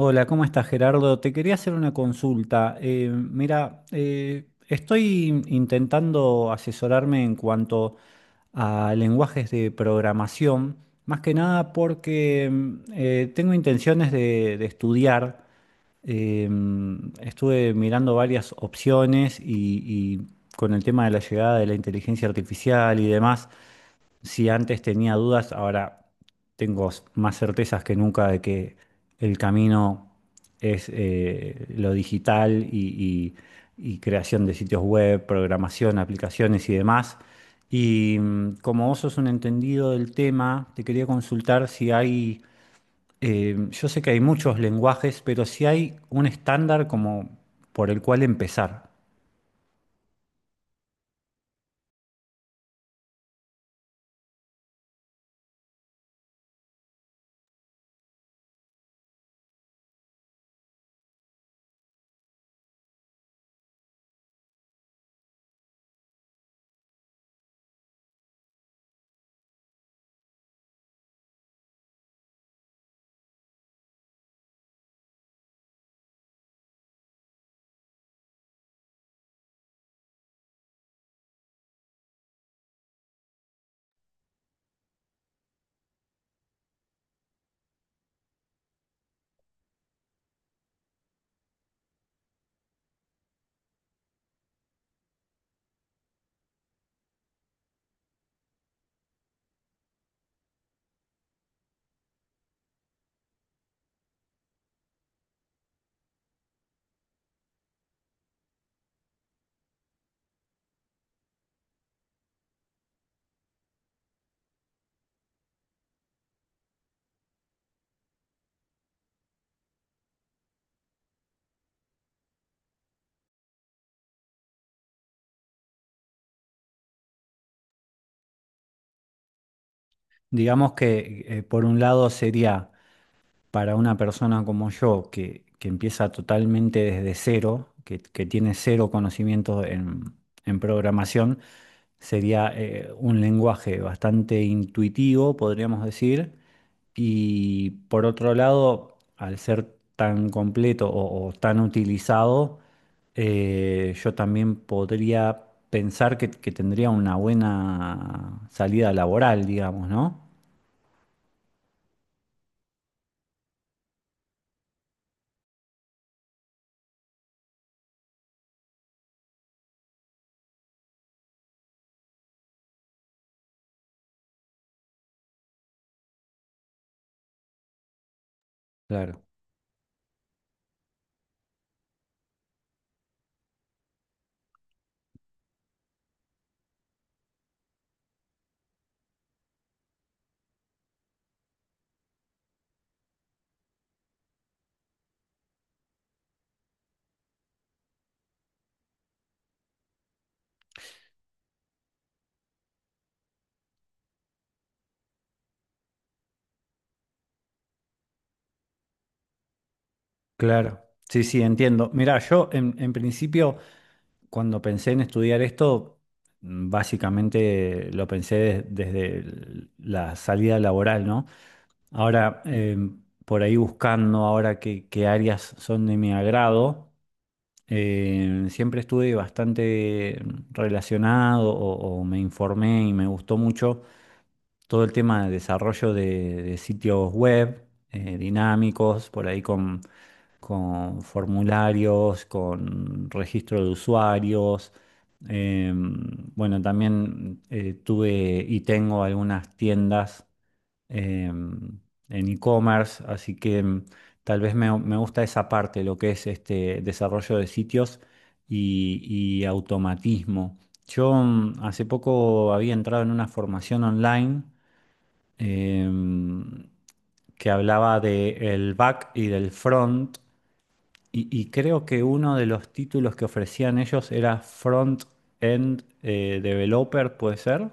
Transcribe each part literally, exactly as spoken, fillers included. Hola, ¿cómo estás, Gerardo? Te quería hacer una consulta. Eh, mira, eh, estoy intentando asesorarme en cuanto a lenguajes de programación, más que nada porque mm, eh, tengo intenciones de, de estudiar. Eh, mm, estuve mirando varias opciones y, y con el tema de la llegada de la inteligencia artificial y demás. Si antes tenía dudas, ahora tengo s- más certezas que nunca de que el camino es eh, lo digital y, y- y creación de sitios web, programación, aplicaciones y demás. Y mm, como vos sos un entendido del tema, te quería consultar si hay, eh, yo sé que hay muchos lenguajes, pero si hay un estándar como por el cual empezar. Digamos que eh, por un lado sería para una persona como yo que, que empieza totalmente desde cero, que, que tiene cero conocimientos en, en programación, sería eh, un lenguaje bastante intuitivo, podríamos decir, y por otro lado, al ser tan completo o, o tan utilizado, eh, yo también podría pensar que, que tendría una buena salida laboral, digamos, ¿no? Claro. Claro, sí, sí, entiendo. Mirá, yo en, en principio, cuando pensé en estudiar esto, mm, básicamente lo pensé des- desde el- la salida laboral, ¿no? Ahora, em, por ahí buscando ahora qué, qué áreas son de mi agrado, em, siempre estuve bastante mm, relacionado o, o me informé y me gustó mucho todo el tema de desarrollo de, de sitios web eh, dinámicos, por ahí con, con formularios, con registro de usuarios. Eh, bueno, también eh, tuve y tengo algunas tiendas eh, en e-commerce, así que mm, tal vez me, me gusta esa parte, lo que es este desarrollo de sitios y, y automatismo. Yo mm, hace poco había entrado en una formación online em, que hablaba del back y del front, y, y creo que uno de los títulos que ofrecían ellos era Front End eh, Developer, puede ser.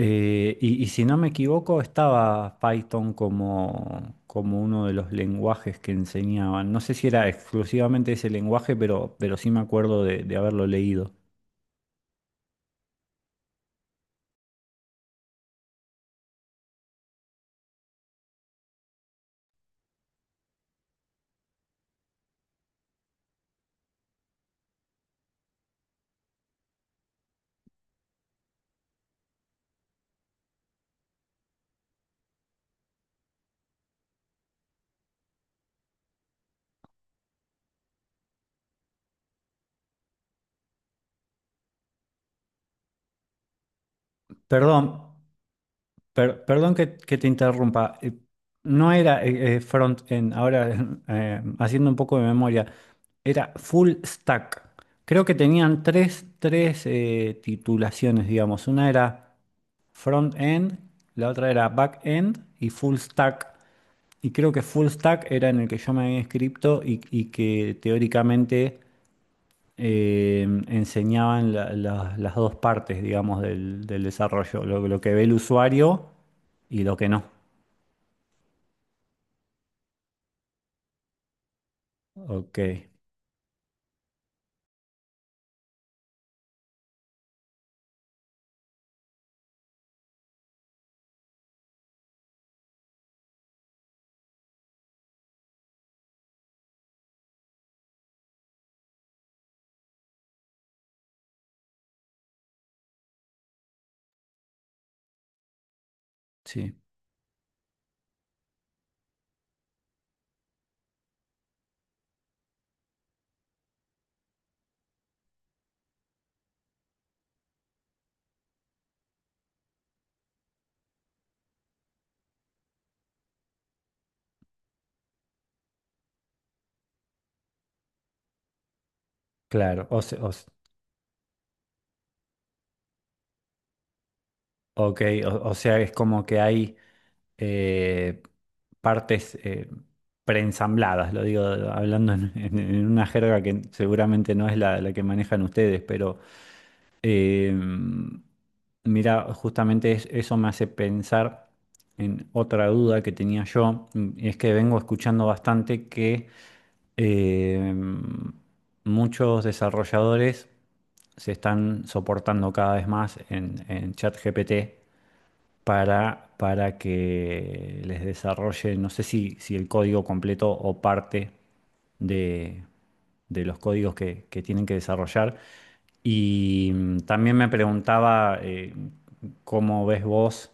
Eh, y, y si no me equivoco, estaba Python como, como uno de los lenguajes que enseñaban. No sé si era exclusivamente ese lenguaje, pero, pero sí me acuerdo de de haberlo leído. Perdón, Per- perdón que, que te interrumpa. eh, No era eh, eh, front-end, ahora eh, haciendo un poco de memoria, era full stack. Creo que tenían tres, tres eh, titulaciones, digamos. Una era front-end, la otra era back-end y full stack. Y creo que full stack era en el que yo me había inscrito y, y que teóricamente eh, enseñaban la- la- las dos partes, digamos, del, del desarrollo, lo lo que ve el usuario y lo que no. Ok, sí, claro. O, se- o s- ok, o, o sea, es como que hay eh, partes eh, preensambladas, lo digo hablando en, en- en una jerga que seguramente no es la, la que manejan ustedes, pero Em, mira, justamente es- eso me hace pensar en otra duda que tenía yo, y es que vengo escuchando bastante que em, muchos desarrolladores se están soportando cada vez más en, en ChatGPT para, para que les desarrolle, no sé si, si el código completo o parte de, de los códigos que, que tienen que desarrollar. Y mm, también me preguntaba eh, cómo ves vos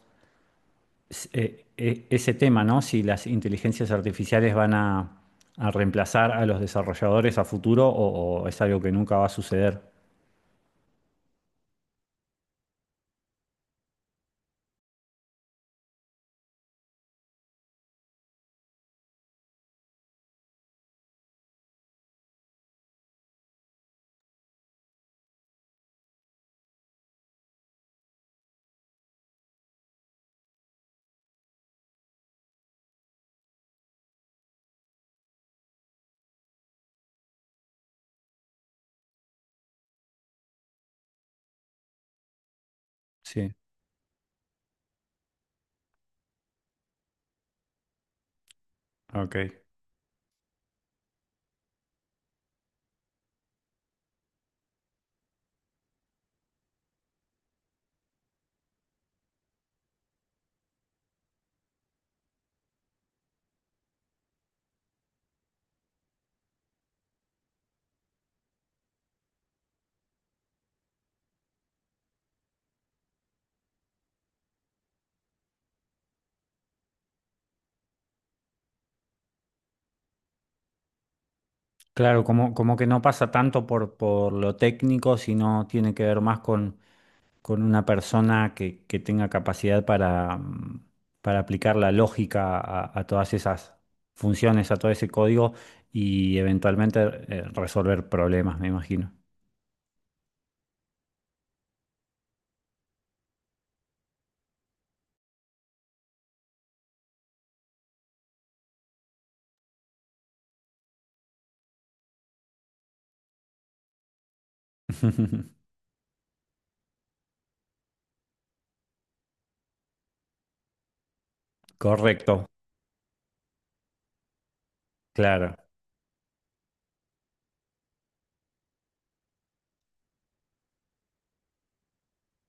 s- eh, e- ese tema, ¿no? Si las inteligencias artificiales van a, a reemplazar a los desarrolladores a futuro o, o es algo que nunca va a suceder. Sí, ok. Claro, como, como que no pasa tanto por, por lo técnico, sino tiene que ver más con, con una persona que, que tenga capacidad para, mm, para aplicar la lógica a, a todas esas funciones, a todo ese código y eventualmente eh, resolver problemas, me imagino. Correcto, claro,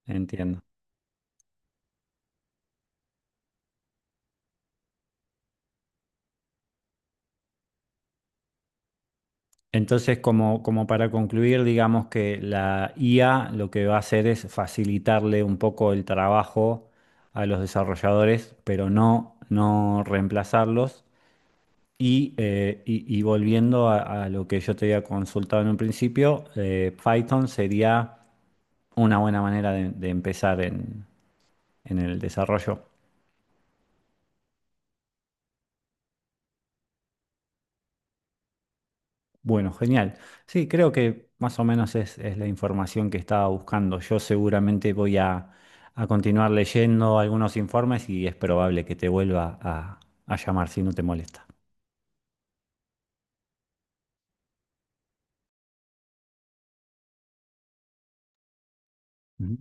entiendo. Entonces, como, como para concluir, digamos que la I A lo que va a hacer es facilitarle un poco el trabajo a los desarrolladores, pero no, no reemplazarlos. Y, eh, y- y volviendo a, a lo que yo te había consultado en un principio, eh, Python sería una buena manera de, de empezar en en el desarrollo. Bueno, genial. Sí, creo que más o menos es, es la información que estaba buscando. Yo seguramente voy a, a continuar leyendo algunos informes y es probable que te vuelva a, a llamar si no te molesta. Ujú.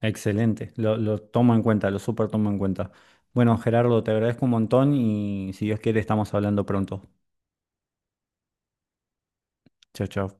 Excelente, lo, lo tomo en cuenta, lo súper tomo en cuenta. Bueno, Gerardo, te agradezco un montón y si Dios quiere estamos hablando pronto. Chao, chao.